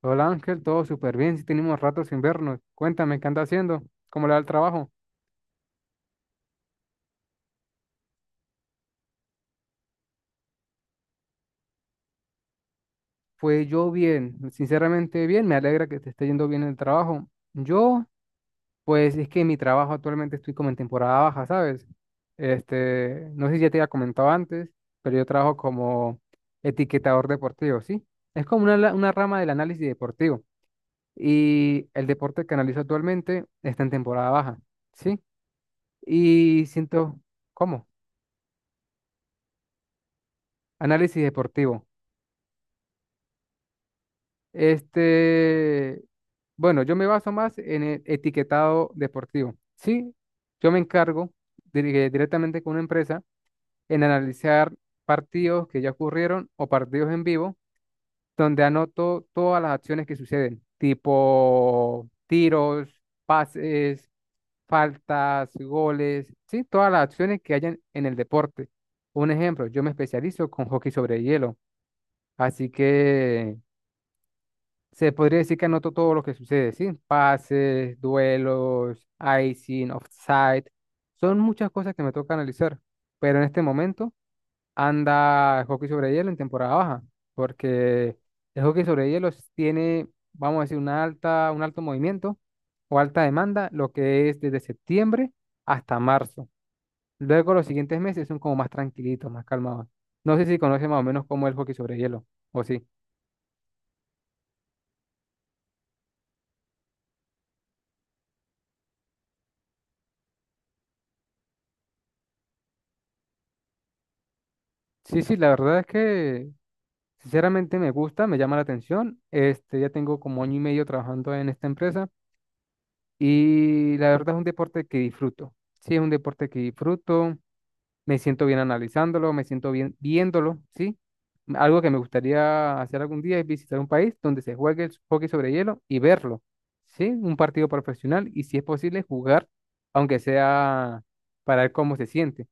Hola Ángel, todo súper bien, si tenemos rato sin vernos. Cuéntame, ¿qué anda haciendo? ¿Cómo le va el trabajo? Pues yo bien, sinceramente bien, me alegra que te esté yendo bien el trabajo. Yo, pues es que en mi trabajo actualmente estoy como en temporada baja, ¿sabes? No sé si ya te había comentado antes, pero yo trabajo como etiquetador deportivo, ¿sí? Es como una, una rama del análisis deportivo. Y el deporte que analizo actualmente está en temporada baja, ¿sí? Y siento, ¿cómo? Análisis deportivo. Este, bueno, yo me baso más en el etiquetado deportivo. Sí, yo me encargo directamente con una empresa en analizar partidos que ya ocurrieron o partidos en vivo, donde anoto todas las acciones que suceden, tipo tiros, pases, faltas, goles, sí, todas las acciones que hayan en el deporte. Un ejemplo, yo me especializo con hockey sobre hielo, así que se podría decir que anoto todo lo que sucede, ¿sí? Pases, duelos, icing, offside. Son muchas cosas que me toca analizar. Pero en este momento anda el hockey sobre hielo en temporada baja. Porque el hockey sobre hielo tiene, vamos a decir, una alta, un alto movimiento o alta demanda, lo que es desde septiembre hasta marzo. Luego los siguientes meses son como más tranquilitos, más calmados. No sé si conoce más o menos cómo es el hockey sobre hielo, o sí. Sí, sí, la verdad es que sinceramente me gusta, me llama la atención. Ya tengo como 1 año y medio trabajando en esta empresa y la verdad es un deporte que disfruto. Sí, es un deporte que disfruto, me siento bien analizándolo, me siento bien viéndolo, ¿sí? Algo que me gustaría hacer algún día es visitar un país donde se juegue el hockey sobre hielo y verlo, ¿sí? Un partido profesional y si es posible jugar, aunque sea para ver cómo se siente.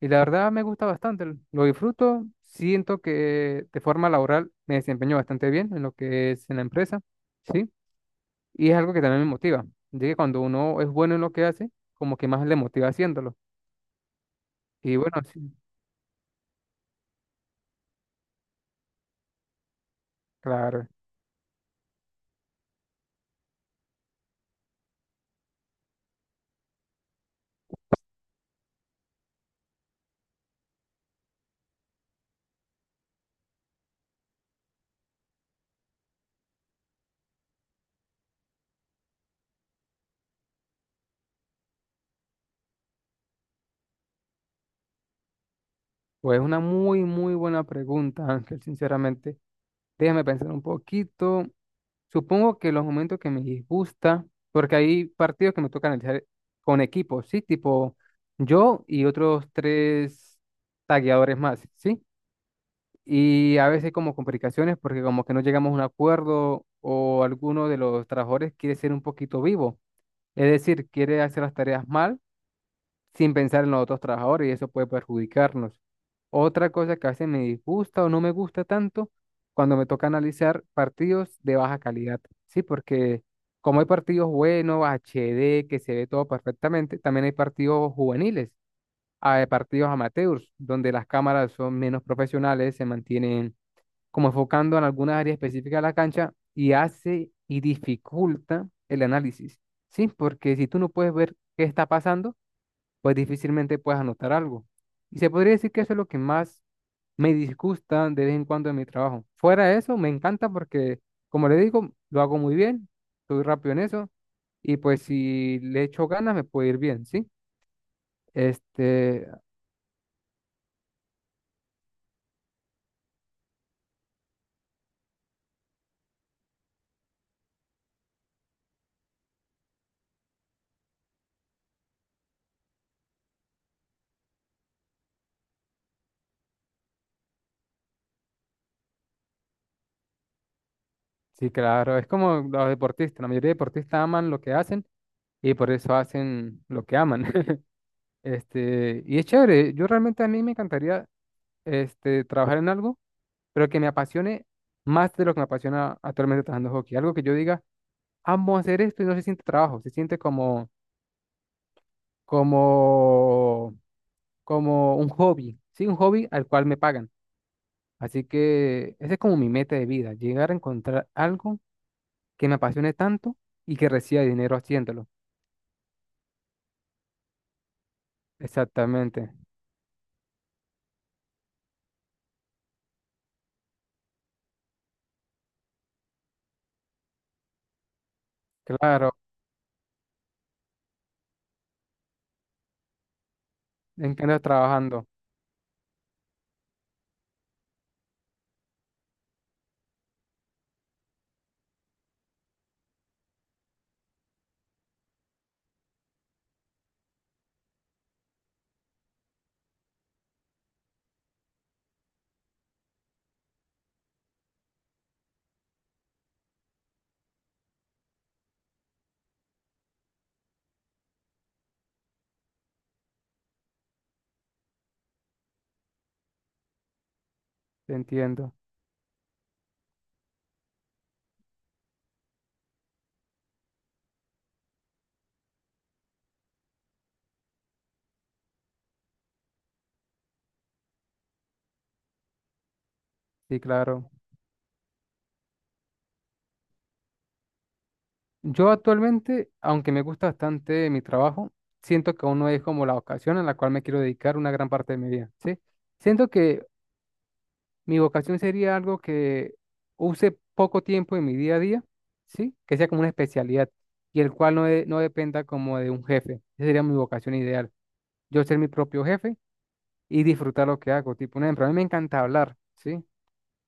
Y la verdad me gusta bastante, lo disfruto, siento que de forma laboral me desempeño bastante bien en lo que es en la empresa, ¿sí? Y es algo que también me motiva, ya que cuando uno es bueno en lo que hace, como que más le motiva haciéndolo. Y bueno, sí, claro, pues una muy, muy buena pregunta, Ángel, sinceramente. Déjame pensar un poquito. Supongo que los momentos que me disgusta, porque hay partidos que me tocan analizar con equipos, ¿sí? Tipo yo y otros 3 tagueadores más, ¿sí? Y a veces como complicaciones porque como que no llegamos a un acuerdo o alguno de los trabajadores quiere ser un poquito vivo, es decir, quiere hacer las tareas mal sin pensar en los otros trabajadores y eso puede perjudicarnos. Otra cosa que a veces me disgusta o no me gusta tanto cuando me toca analizar partidos de baja calidad, ¿sí? Porque como hay partidos buenos, HD que se ve todo perfectamente, también hay partidos juveniles, hay partidos amateurs, donde las cámaras son menos profesionales, se mantienen como enfocando en alguna área específica de la cancha y hace y dificulta el análisis, ¿sí? Porque si tú no puedes ver qué está pasando, pues difícilmente puedes anotar algo. Y se podría decir que eso es lo que más me disgusta de vez en cuando en mi trabajo. Fuera de eso, me encanta porque, como le digo, lo hago muy bien, soy rápido en eso y pues si le echo ganas me puede ir bien, ¿sí? Este, sí, claro, es como los deportistas, la mayoría de deportistas aman lo que hacen y por eso hacen lo que aman. Y es chévere. Yo realmente a mí me encantaría trabajar en algo, pero que me apasione más de lo que me apasiona actualmente trabajando hockey. Algo que yo diga, amo hacer esto y no se siente trabajo, se siente como, como un hobby, sí, un hobby al cual me pagan. Así que esa es como mi meta de vida, llegar a encontrar algo que me apasione tanto y que reciba dinero haciéndolo. Exactamente. Claro, ¿en qué andas trabajando? Te entiendo. Sí, claro. Yo actualmente, aunque me gusta bastante mi trabajo, siento que aún no es como la vocación a la cual me quiero dedicar una gran parte de mi vida, ¿sí? Siento que mi vocación sería algo que use poco tiempo en mi día a día, ¿sí? Que sea como una especialidad y el cual no dependa como de un jefe. Esa sería mi vocación ideal. Yo ser mi propio jefe y disfrutar lo que hago. Tipo, un ejemplo, a mí me encanta hablar, ¿sí?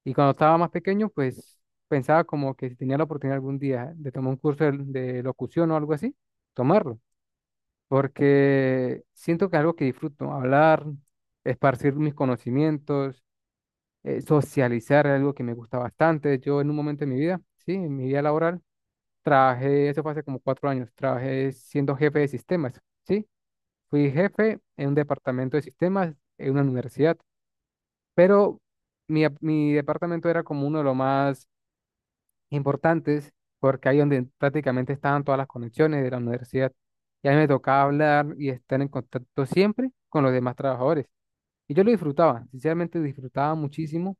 Y cuando estaba más pequeño, pues pensaba como que si tenía la oportunidad algún día de tomar un curso de locución o algo así, tomarlo, porque siento que es algo que disfruto, hablar, esparcir mis conocimientos, socializar es algo que me gusta bastante. Yo en un momento de mi vida, sí, en mi vida laboral, trabajé, eso fue hace como 4 años, trabajé siendo jefe de sistemas, sí, fui jefe en un departamento de sistemas en una universidad, pero mi departamento era como uno de los más importantes, porque ahí donde prácticamente estaban todas las conexiones de la universidad. Y a mí me tocaba hablar y estar en contacto siempre con los demás trabajadores. Y yo lo disfrutaba, sinceramente disfrutaba muchísimo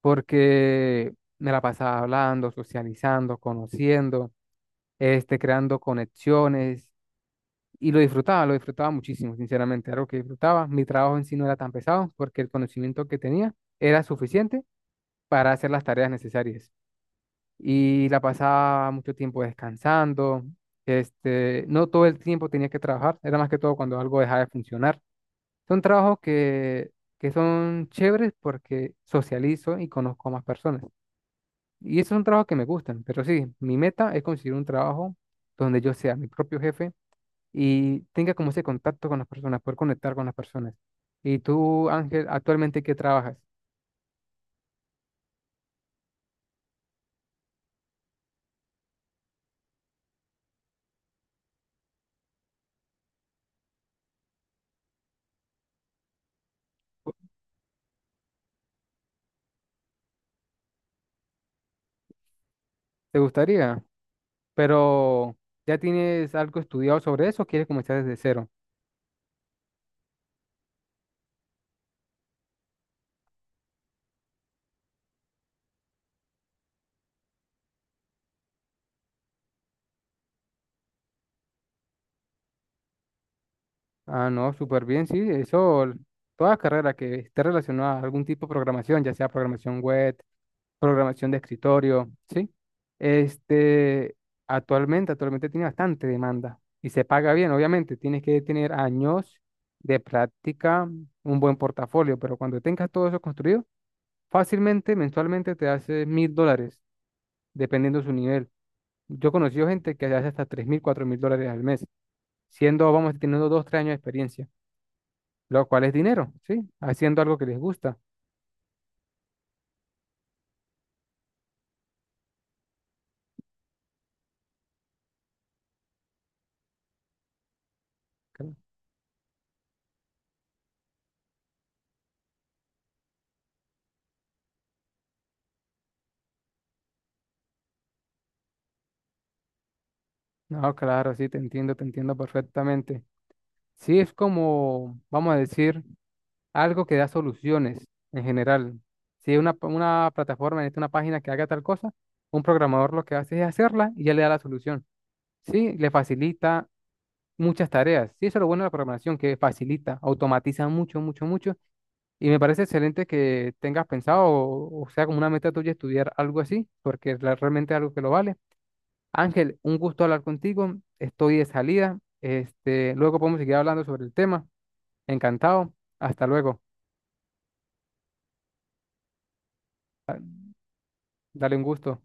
porque me la pasaba hablando, socializando, conociendo, creando conexiones. Y lo disfrutaba muchísimo, sinceramente, algo que disfrutaba. Mi trabajo en sí no era tan pesado porque el conocimiento que tenía era suficiente para hacer las tareas necesarias y la pasaba mucho tiempo descansando. No todo el tiempo tenía que trabajar, era más que todo cuando algo dejaba de funcionar. Son que son chéveres porque socializo y conozco a más personas. Y esos son trabajos que me gustan, pero sí, mi meta es conseguir un trabajo donde yo sea mi propio jefe y tenga como ese contacto con las personas, poder conectar con las personas. Y tú, Ángel, actualmente, ¿qué trabajas? ¿Te gustaría? Pero, ¿ya tienes algo estudiado sobre eso o quieres comenzar desde cero? Ah, no, súper bien, sí, eso, toda carrera que esté relacionada a algún tipo de programación, ya sea programación web, programación de escritorio, ¿sí? Este, actualmente tiene bastante demanda y se paga bien, obviamente, tienes que tener años de práctica, un buen portafolio, pero cuando tengas todo eso construido, fácilmente, mensualmente te hace $1000, dependiendo de su nivel. Yo he conocido gente que hace hasta $3000, $4000 al mes, siendo, vamos, teniendo 2, 3 años de experiencia lo cual es dinero, ¿sí? Haciendo algo que les gusta. Cl- No, claro, sí, te entiendo perfectamente. Sí, es como, vamos a decir, algo que da soluciones en general. Si una, una plataforma necesita una página que haga tal cosa, un programador lo que hace es hacerla y ya le da la solución. Sí, le facilita muchas tareas. Sí, eso es lo bueno de la programación, que facilita, automatiza mucho. Y me parece excelente que tengas pensado o sea como una meta tuya estudiar algo así, porque es realmente algo que lo vale. Ángel, un gusto hablar contigo. Estoy de salida. Luego podemos seguir hablando sobre el tema. Encantado. Hasta luego. Dale un gusto.